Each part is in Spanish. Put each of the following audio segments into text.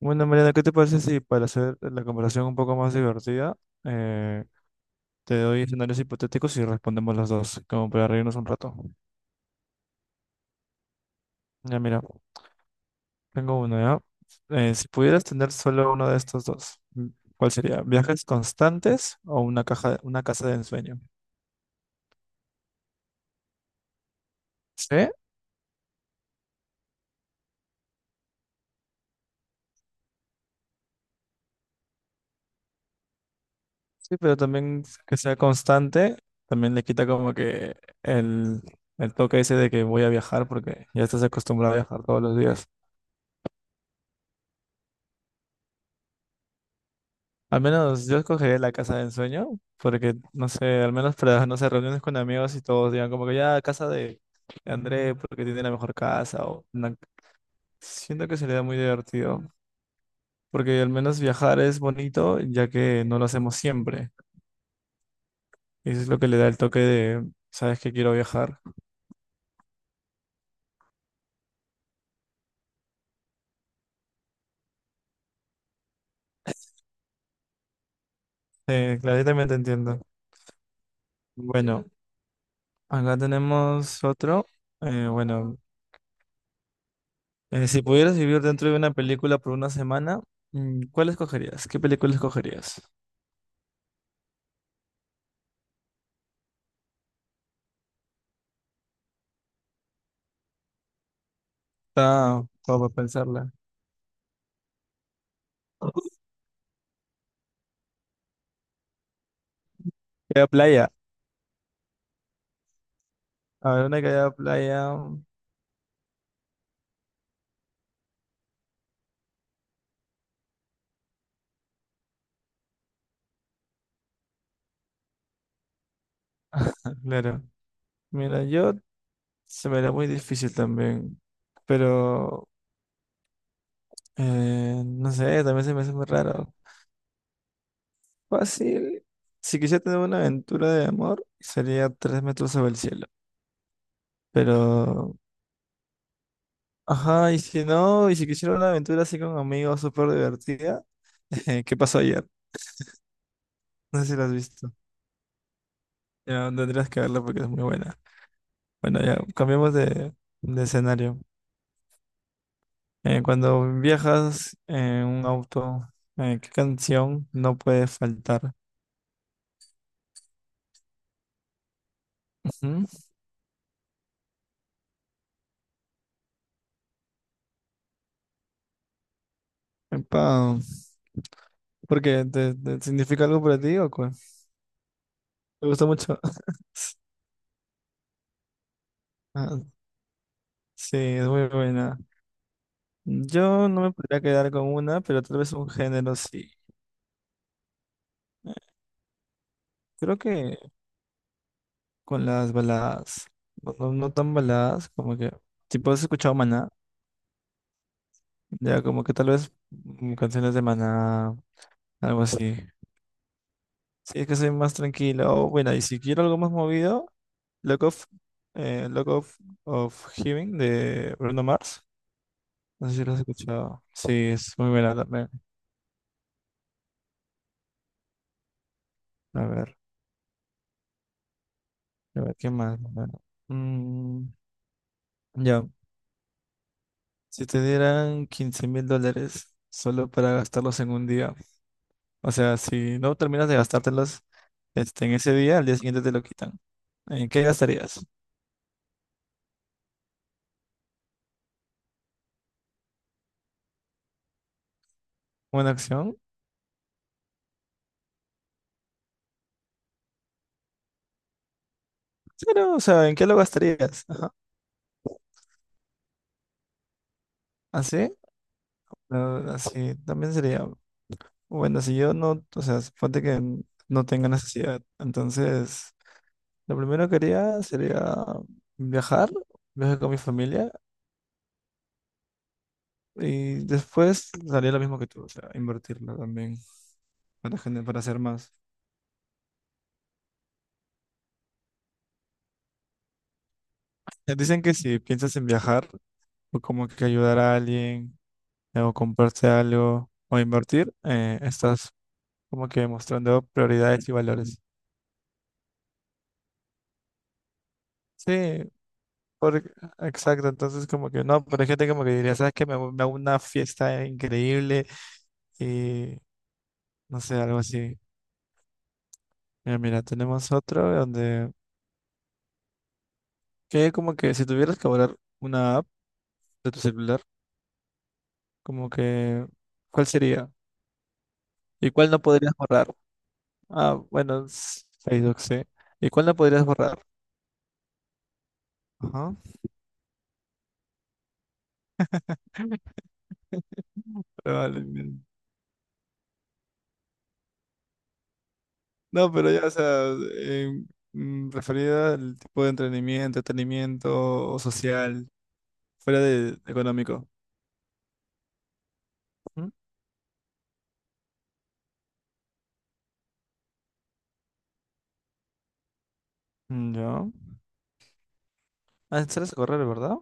Bueno, Mariana, ¿qué te parece si para hacer la conversación un poco más divertida, eh, te doy escenarios hipotéticos y respondemos los dos, como para reírnos un rato? Ya, mira, tengo uno ya. Si pudieras tener solo uno de estos dos, ¿cuál sería? ¿Viajes constantes o una casa de ensueño? Sí, sí, pero también que sea constante, también le quita como que el, el toque ese de que voy a viajar porque ya estás acostumbrado a viajar todos los días. Al menos yo escogería la casa de ensueño, porque no sé, al menos para, no sé, reuniones con amigos y todos digan como que ya de André porque tiene la mejor casa o una- siento que sería muy divertido, porque al menos viajar es bonito ya que no lo hacemos siempre. Y eso es lo que le da el toque de, sabes que quiero viajar. Claro, yo también te entiendo. Bueno, acá tenemos otro. Eh, bueno, si pudieras vivir dentro de una película por una semana, ¿cuál escogerías? ¿Qué película escogerías? Está como para pensarla. Queda playa. A ver, una que haya playa. Ah, claro. Mira, yo se me da muy difícil también. Pero no sé, también se me hace muy raro. Fácil. Si quisiera tener una aventura de amor, sería tres metros sobre el cielo. Pero, ajá, y si quisiera una aventura así con amigos súper divertida, ¿qué pasó ayer? No sé si la has visto. Ya tendrías que verla porque es muy buena. Bueno, ya cambiamos de escenario. Cuando viajas en un auto, ¿qué canción no puede faltar? Ujú. Epa, ¿por qué? ¿Te significa algo para ti o qué? ¿Te gusta mucho? Ah, sí, es muy buena. Yo no me podría quedar con una, pero tal vez un género sí. Eh, Creo que con las baladas, no tan baladas, como que, tipo, has escuchado Maná, ya como que tal vez canciones de Maná, algo así. Sí, es que soy más tranquilo. O, bueno, y si quiero algo más movido, Lock of, Lock of, of Heaven de Bruno Mars. No sé si lo has escuchado. Sí, es muy buena también. A ver, a ver, ¿qué más? Bueno, mm, ya, si te dieran $15,000 solo para gastarlos en un día, o sea, si no terminas de gastártelos este, en ese día, al día siguiente te lo quitan. ¿En qué gastarías? ¿Una acción? Claro, o sea, ¿en qué lo gastarías? Ajá. ¿Así? No, así también sería, bueno, si yo no, o sea, suponte que n- no tenga necesidad, entonces lo primero que haría sería viajar, viajar con mi familia y después haría lo mismo que tú, o sea, invertirlo también para, gener- para hacer más. Dicen que si piensas en viajar o como que ayudar a alguien o comprarse algo o invertir, estás como que mostrando prioridades y valores. Sí, porque- exacto, entonces como que no, pero hay gente como que diría, ¿sabes qué? Hago- me hago una fiesta increíble y no sé, algo así. Mira, tenemos otro donde, que como que si tuvieras que borrar una app de tu celular, como que, ¿cuál sería? ¿Y cuál no podrías borrar? Ah, bueno, s- Facebook, sí. ¿Y cuál no podrías borrar? Ajá. Probablemente. No, pero ya, o sea, em, referida al tipo de entretenimiento, entretenimiento o social, fuera de económico. Mm, ya. Ah, sales a correr, ¿verdad?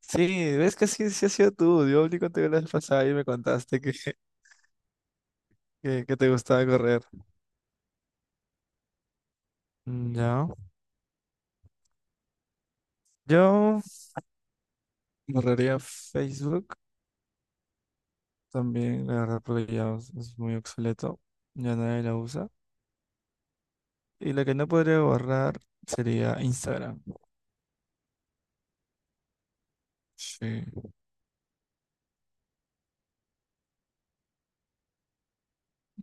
Sí, ves que sí, sí ha sido tú. Yo hablé contigo la vez pasada y me contaste que, que te gustaba correr. Mm, ya. Yo borraría Facebook también, la verdad, porque ya es muy obsoleto. Ya nadie la usa. Y la que no podría borrar sería Instagram. Sí.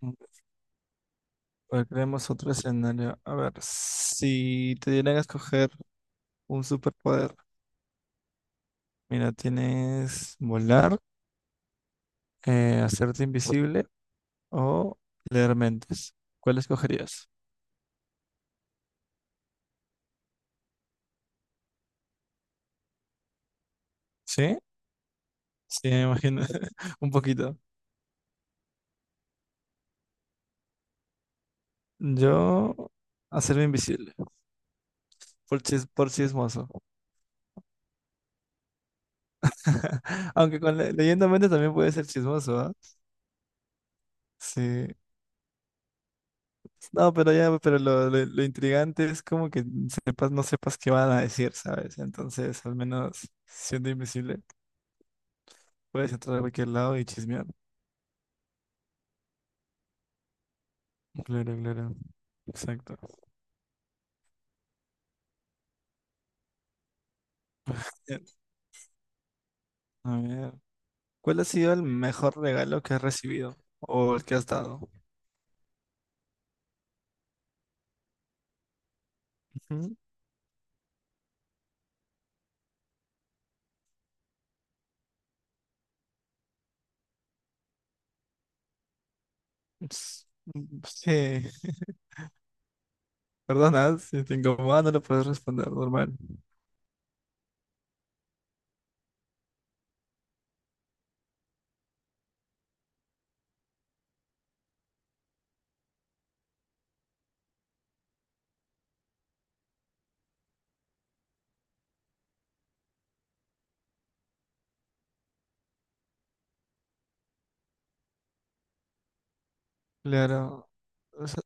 Mm, a ver, creemos otro escenario. A ver, si te dieran a escoger un superpoder. Mira, tienes volar, hacerte invisible o ¿leer mentes? ¿Cuál escogerías? ¿Sí? Sí, me imagino. Un poquito. Yo hacerme invisible por, chis- por chismoso. Aunque con le- leyendo mentes también puede ser chismoso, ¿ah? Sí. No, pero ya, pero lo intrigante es como que sepas, no sepas qué van a decir, ¿sabes? Entonces, al menos siendo invisible, puedes entrar a cualquier lado y chismear. Claro, claro. Exacto. Bien. A ver. ¿Cuál ha sido el mejor regalo que has recibido o el que has dado? Ujú. Ps- Sí, perdona, si te incomoda no lo puedes responder normal. Claro. O sea,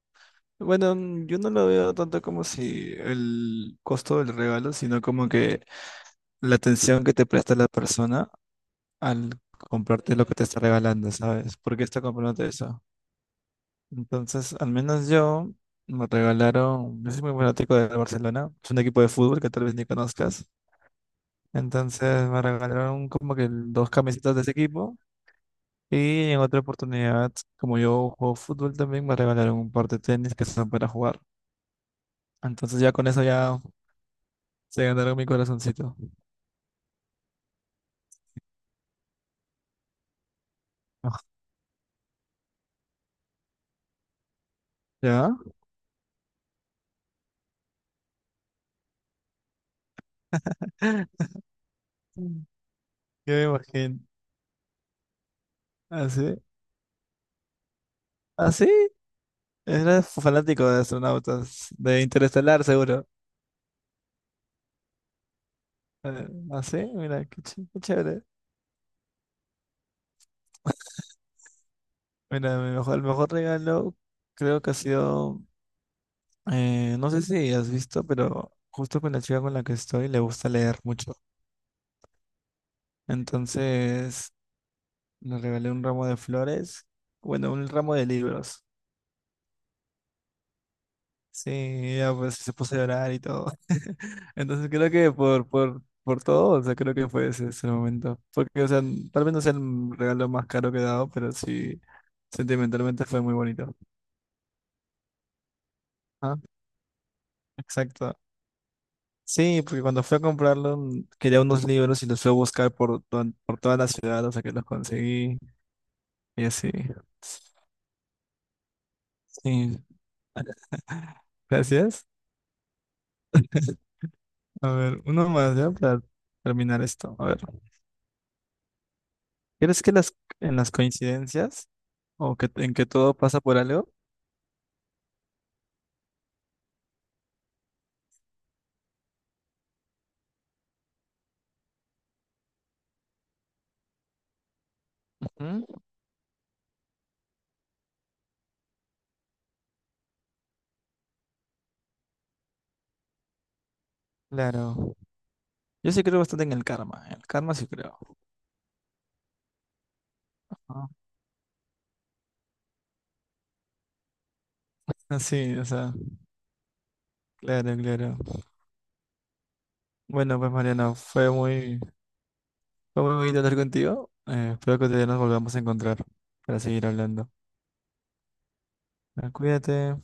bueno, yo no lo veo tanto como si el costo del regalo, sino como que la atención que te presta la persona al comprarte lo que te está regalando, ¿sabes? ¿Por qué está comprándote eso? Entonces, al menos yo me regalaron, yo soy muy fanático de Barcelona, es un equipo de fútbol que tal vez ni conozcas. Entonces me regalaron como que dos camisetas de ese equipo y en otra oportunidad, como yo juego fútbol también, me regalaron un par de tenis que son para jugar. Entonces ya con eso ya se ganaron mi corazoncito. ¿Ya? Mm. Yo me imagino. Así. Así. Era fanático de astronautas, de Interestelar seguro. Así, mira, qué chévere. Mira, el mejor regalo creo que ha sido no sé si has visto, pero justo con la chica con la que estoy le gusta leer mucho. Entonces le regalé un ramo de flores, bueno, un ramo de libros. Sí, ella pues se puso a llorar y todo. Entonces creo que por todo, o sea, creo que fue ese momento. Porque, o sea, tal vez no sea el regalo más caro que he dado, pero sí, sentimentalmente fue muy bonito. Ajá, exacto. Sí, porque cuando fui a comprarlo quería unos libros y los fui a buscar por toda la ciudad hasta que los conseguí y así. Sí. Gracias. A ver, uno más ya para terminar esto. A ver, ¿crees que las en las coincidencias o que en que todo pasa por algo? Ujú, claro. Yo sí creo bastante en el karma. En el karma sí creo. ¿No? Ah, sí, o sea, claro, claro. Bueno, pues Mariano, fue muy bonito hablar contigo. Espero que te nos volvamos a encontrar para seguir hablando. Ah, cuídate.